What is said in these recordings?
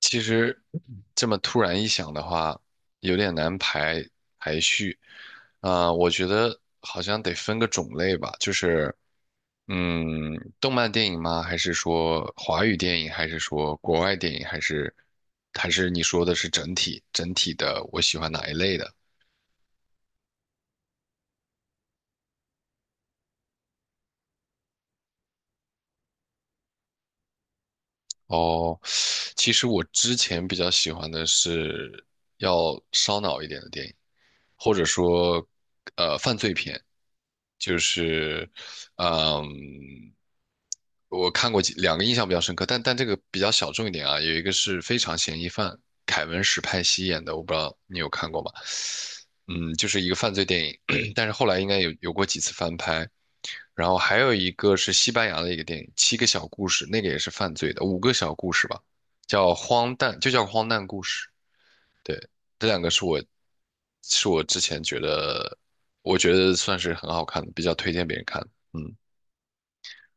其实这么突然一想的话，有点难排序。我觉得好像得分个种类吧，就是嗯，动漫电影吗？还是说华语电影？还是说国外电影？还是你说的是整体的？我喜欢哪一类的？哦，其实我之前比较喜欢的是要烧脑一点的电影，或者说，犯罪片，就是，嗯，我看过两个印象比较深刻，但这个比较小众一点啊，有一个是《非常嫌疑犯》，凯文·史派西演的，我不知道你有看过吗？嗯，就是一个犯罪电影，但是后来应该有过几次翻拍，然后还有一个是西班牙的一个电影《七个小故事》，那个也是犯罪的，五个小故事吧，叫荒诞，就叫荒诞故事。对，这两个是我之前觉得我觉得算是很好看的，比较推荐别人看的。嗯，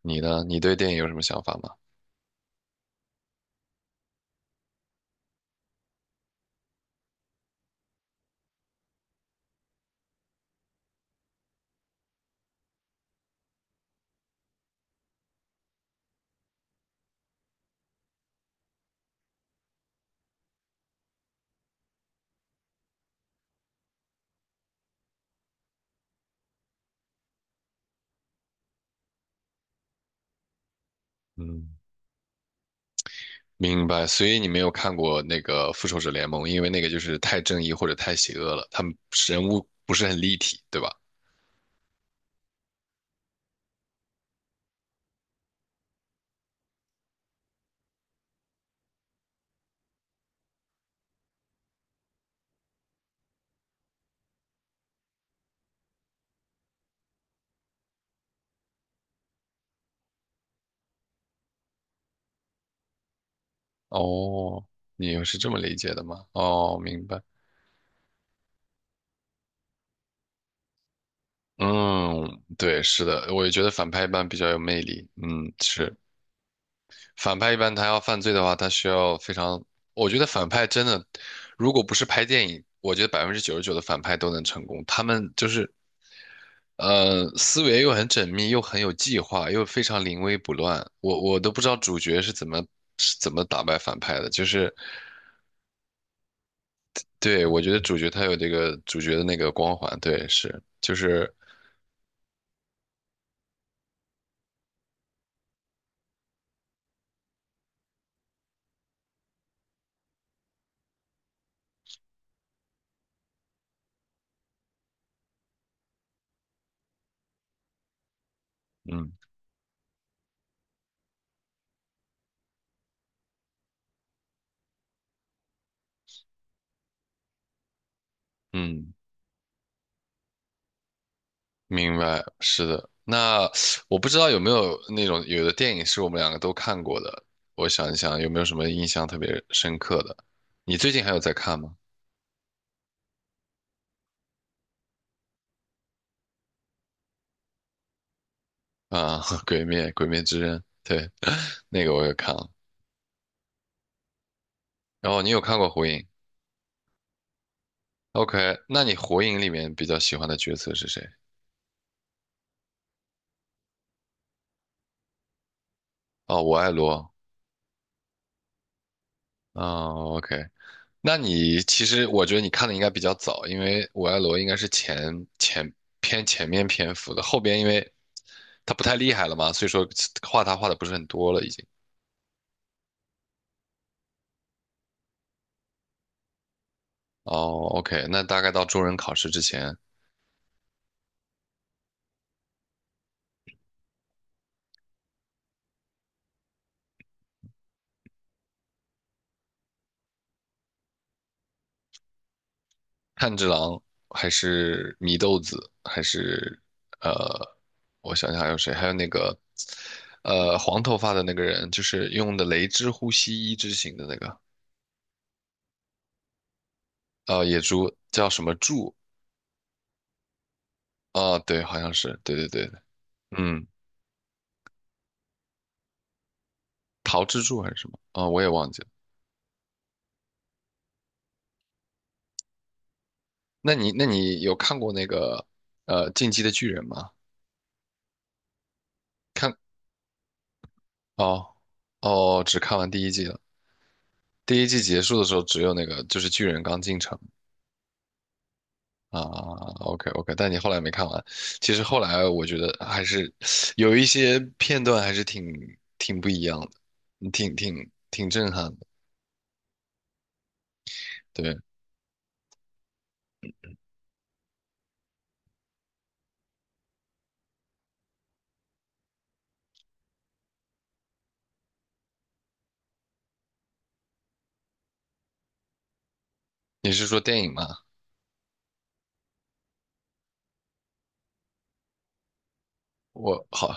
你呢？你对电影有什么想法吗？嗯，明白。所以你没有看过那个《复仇者联盟》，因为那个就是太正义或者太邪恶了，他们人物不是很立体，对吧？哦，你又是这么理解的吗？哦，明白。嗯，对，是的，我也觉得反派一般比较有魅力。嗯，是，反派一般他要犯罪的话，他需要非常，我觉得反派真的，如果不是拍电影，我觉得99%的反派都能成功。他们就是思维又很缜密，又很有计划，又非常临危不乱。我都不知道主角是怎么打败反派的，就是，对，我觉得主角他有这个主角的那个光环，对，是，就是。嗯嗯，明白，是的。那我不知道有没有那种有的电影是我们两个都看过的，我想一想有没有什么印象特别深刻的。你最近还有在看吗？啊，《鬼灭》《鬼灭之刃》，对，那个我也看了。然后你有看过《火影》？OK,那你《火影》里面比较喜欢的角色是谁？哦，我爱罗。哦，OK,那你其实我觉得你看的应该比较早，因为我爱罗应该是前偏前面篇幅的，后边因为他不太厉害了嘛，所以说画他画的不是很多了已经。哦，OK,那大概到中忍考试之前，炭治郎还是米豆子，还是呃，我想想还有谁？还有那个黄头发的那个人，就是用的雷之呼吸一之型的那个野猪，叫什么柱啊？对，好像是，对对对对，嗯，桃之柱还是什么啊？我也忘记了。那你有看过那个《进击的巨人》吗？哦哦，只看完第一季了。第一季结束的时候，只有那个就是巨人刚进城啊。OK OK,但你后来没看完。其实后来我觉得还是有一些片段还是挺不一样的，嗯挺震撼的。对，你是说电影吗？我好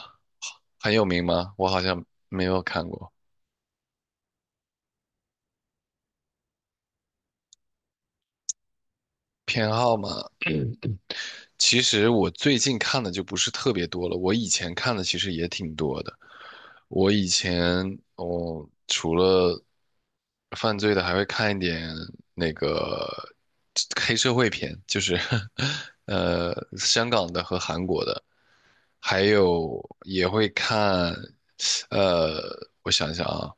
很有名吗？我好像没有看过。偏好嘛，其实我最近看的就不是特别多了，我以前看的其实也挺多的。我以前哦，除了犯罪的，还会看一点那个黑社会片，就是 香港的和韩国的，还有也会看，呃，我想想啊，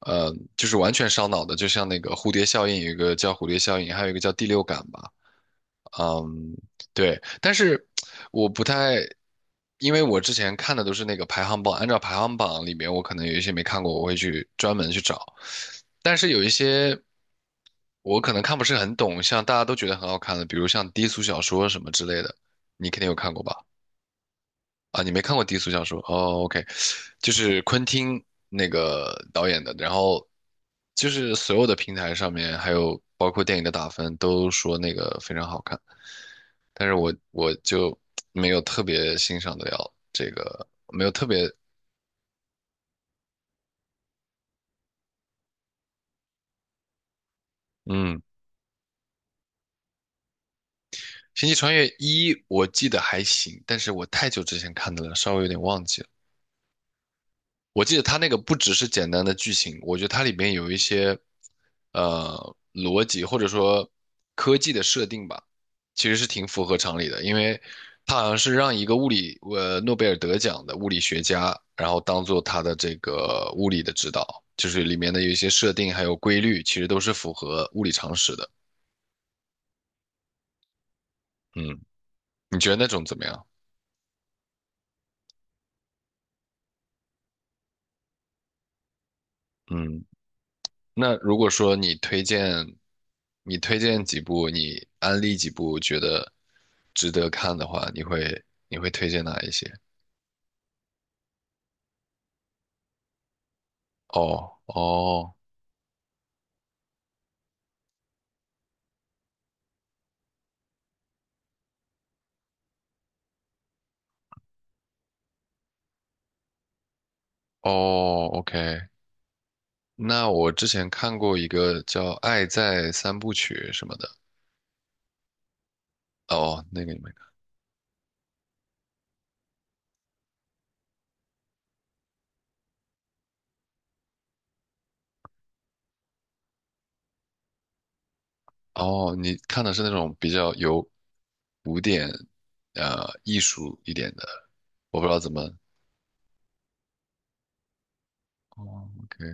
就是完全烧脑的，就像那个蝴蝶效应，有一个叫蝴蝶效应，还有一个叫第六感吧。嗯，对，但是我不太，因为我之前看的都是那个排行榜，按照排行榜里面，我可能有一些没看过，我会去专门去找。但是有一些我可能看不是很懂，像大家都觉得很好看的，比如像低俗小说什么之类的，你肯定有看过吧？啊，你没看过低俗小说？哦，OK,就是昆汀那个导演的，然后就是所有的平台上面，还有包括电影的打分，都说那个非常好看。但是我就 没有特别欣赏得了这个，没有特别，嗯，《星际穿越一》我记得还行，但是我太久之前看的了，稍微有点忘记了。我记得它那个不只是简单的剧情，我觉得它里面有一些逻辑或者说科技的设定吧，其实是挺符合常理的，因为它好像是让一个物理诺贝尔得奖的物理学家，然后当做他的这个物理的指导，就是里面的有一些设定还有规律，其实都是符合物理常识的。嗯，你觉得那种怎么样？嗯那如果说你推荐，你推荐几部，你安利几部觉得值得看的话，你会推荐哪一些？哦哦哦，OK。那我之前看过一个叫《爱在三部曲》什么的，哦，那个你没看。哦，你看的是那种比较有古典艺术一点的，我不知道怎么。哦，OK,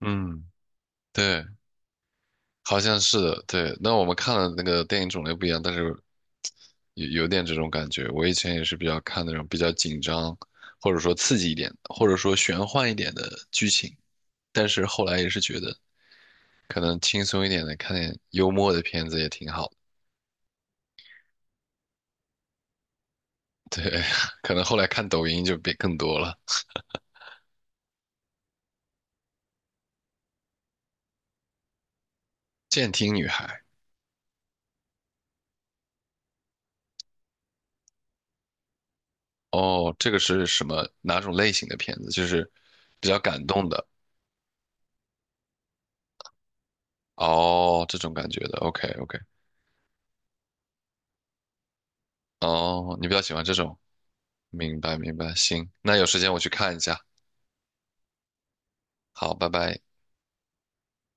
嗯，对。好像是的，对。那我们看的那个电影种类不一样，但是有点这种感觉。我以前也是比较看那种比较紧张，或者说刺激一点，或者说玄幻一点的剧情，但是后来也是觉得可能轻松一点的，看点幽默的片子也挺好的。对，可能后来看抖音就变更多了。《监听女孩》哦，这个是什么哪种类型的片子？就是比较感动的哦，这种感觉的。OK OK。哦，你比较喜欢这种，明白明白，行，那有时间我去看一下，好，拜拜。